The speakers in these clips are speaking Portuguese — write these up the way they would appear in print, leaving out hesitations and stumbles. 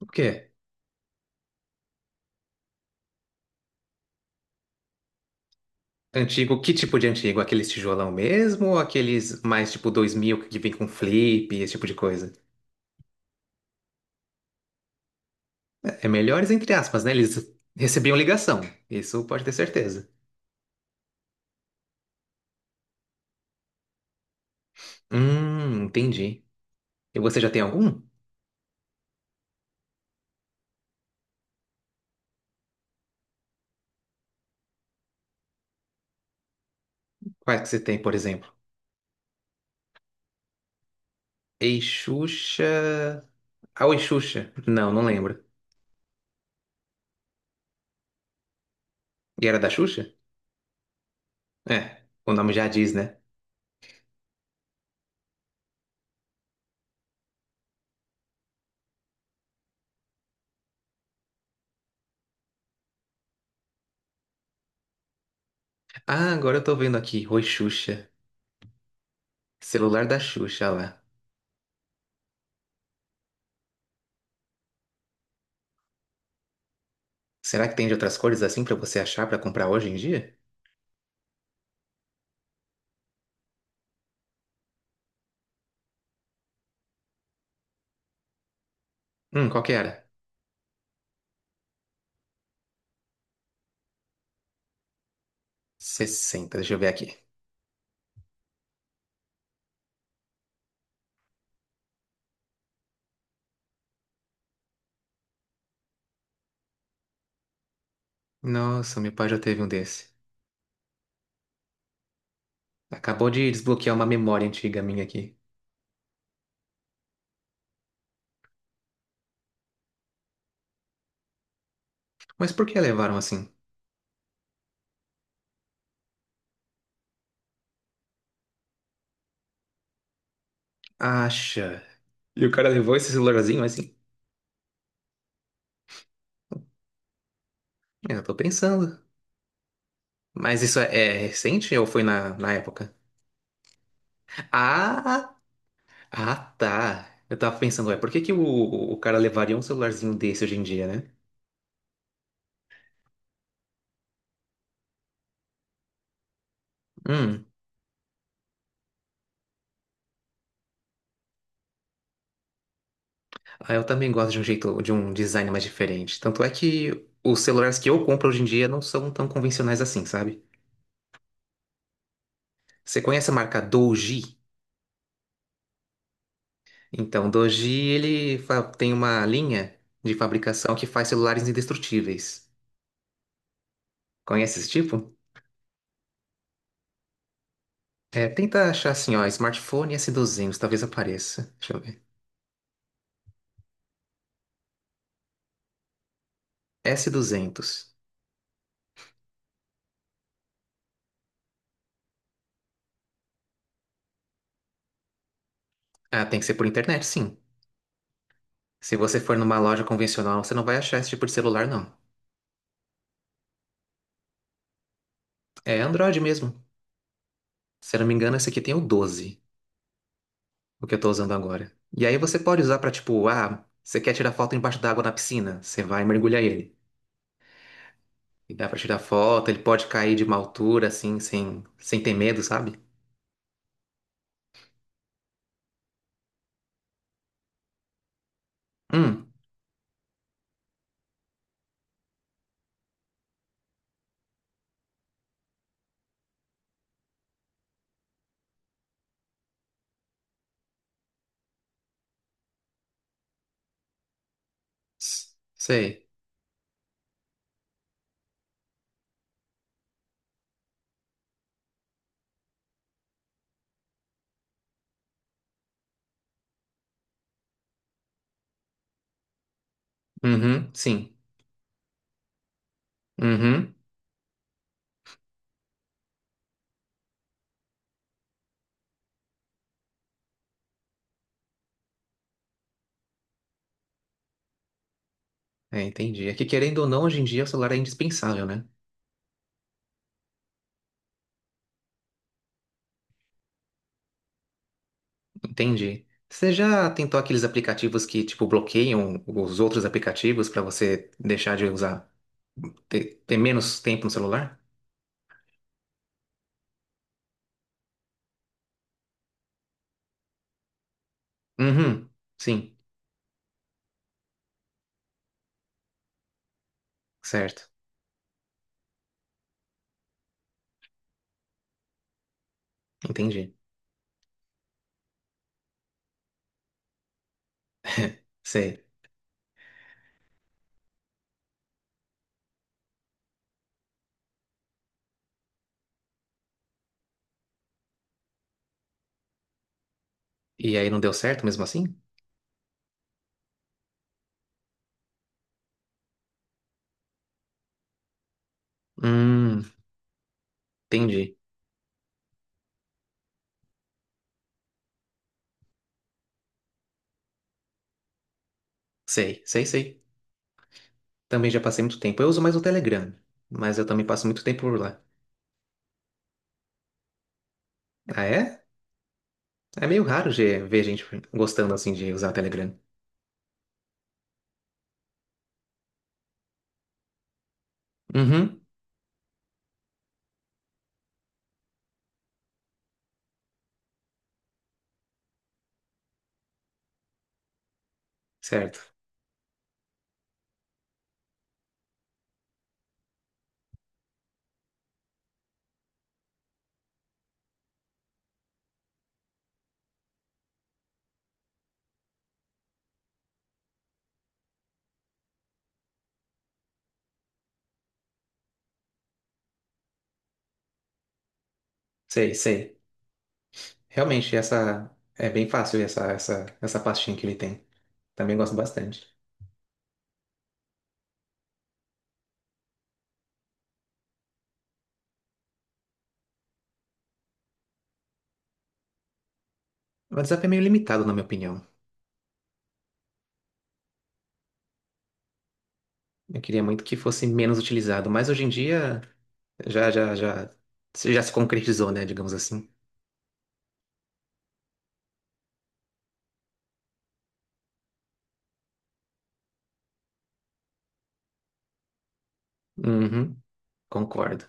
O quê? Antigo, que tipo de antigo? Aqueles tijolão mesmo ou aqueles mais tipo 2000 que vem com flip, esse tipo de coisa? É melhores entre aspas, né? Eles recebiam ligação, isso pode ter certeza. Entendi. E você já tem algum? Quais que você tem, por exemplo? Ei, Xuxa... Ah, Oi, Xuxa. Não, não lembro. E era da Xuxa? É, o nome já diz, né? Ah, agora eu tô vendo aqui. Oi, Xuxa. Celular da Xuxa, olha lá. Será que tem de outras cores assim pra você achar pra comprar hoje em dia? Qual que era? 60, deixa eu ver aqui. Nossa, meu pai já teve um desse. Acabou de desbloquear uma memória antiga minha aqui. Mas por que levaram assim? Acha. E o cara levou esse celularzinho assim? Eu tô pensando. Mas isso é recente ou foi na época? Ah, ah, tá. Eu tava pensando, ué, por que que o cara levaria um celularzinho desse hoje em dia, né? Hum, ah, eu também gosto de um jeito, de um design mais diferente. Tanto é que os celulares que eu compro hoje em dia não são tão convencionais assim, sabe? Você conhece a marca Doji? Então, Doji, ele tem uma linha de fabricação que faz celulares indestrutíveis. Conhece esse tipo? É, tenta achar assim, ó, smartphone S200, talvez apareça. Deixa eu ver. S200. Ah, tem que ser por internet, sim. Se você for numa loja convencional, você não vai achar esse tipo de celular, não. É Android mesmo. Se eu não me engano, esse aqui tem o 12, o que eu tô usando agora. E aí você pode usar pra, tipo, ah, você quer tirar foto embaixo d'água na piscina? Você vai mergulhar ele. E dá pra tirar foto, ele pode cair de uma altura, assim, sem ter medo, sabe? Hum, sei. Uhum, sim. Uhum. É, entendi. É que querendo ou não, hoje em dia o celular é indispensável, né? Entendi. Você já tentou aqueles aplicativos que, tipo, bloqueiam os outros aplicativos pra você deixar de usar, ter menos tempo no celular? Uhum, sim. Certo. Entendi. Sei. E aí não deu certo mesmo assim? Hum, entendi. Sei, sei, sei. Também já passei muito tempo. Eu uso mais o Telegram, mas eu também passo muito tempo por lá. Ah, é? É meio raro ver gente gostando assim de usar o Telegram. Uhum, certo. Sei, sei. Realmente, essa é bem fácil essa pastinha que ele tem. Também gosto bastante. O WhatsApp é meio limitado, na minha opinião. Eu queria muito que fosse menos utilizado, mas hoje em dia já, já, já, já se concretizou, né? Digamos assim. Uhum, concordo.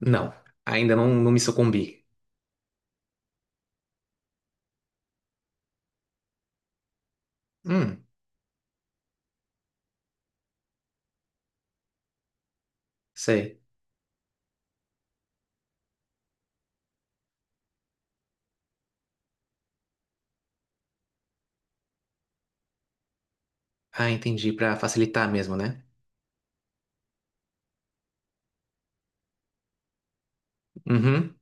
Não, ainda não, não me sucumbi. Hum, sei. Ah, entendi, pra facilitar mesmo, né? Uhum,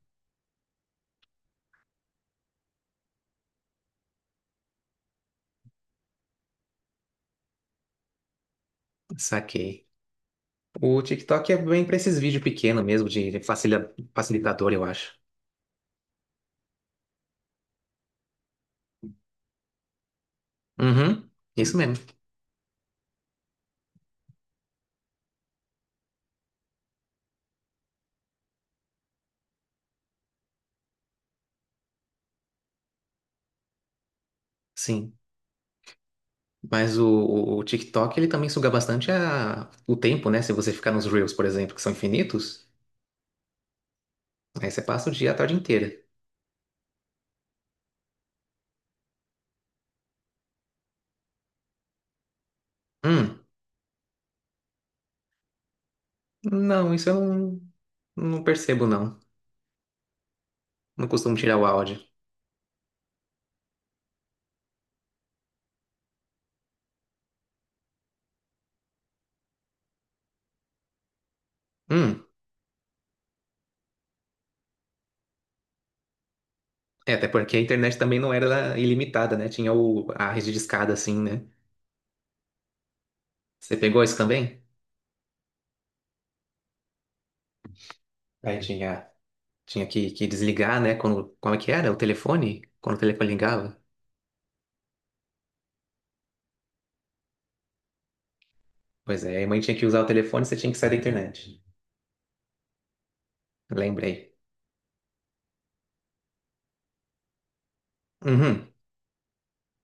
saquei. O TikTok é bem pra esses vídeos pequenos mesmo, de facilitador, eu acho. Uhum, isso mesmo, sim. Mas o TikTok, ele também suga bastante o tempo, né? Se você ficar nos Reels, por exemplo, que são infinitos, aí você passa o dia, a tarde inteira. Hum, não, isso eu não, não percebo, não. Não costumo tirar o áudio. Hum, é, até porque a internet também não era ilimitada, né? Tinha o, a rede de escada, assim, né? Você pegou isso também? Aí tinha que desligar, né? Quando, como é que era? O telefone? Quando o telefone ligava? Pois é, aí a mãe tinha que usar o telefone, você tinha que sair da internet. Lembrei. Uhum.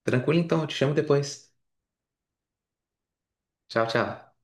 Tranquilo então, eu te chamo depois. Tchau, tchau.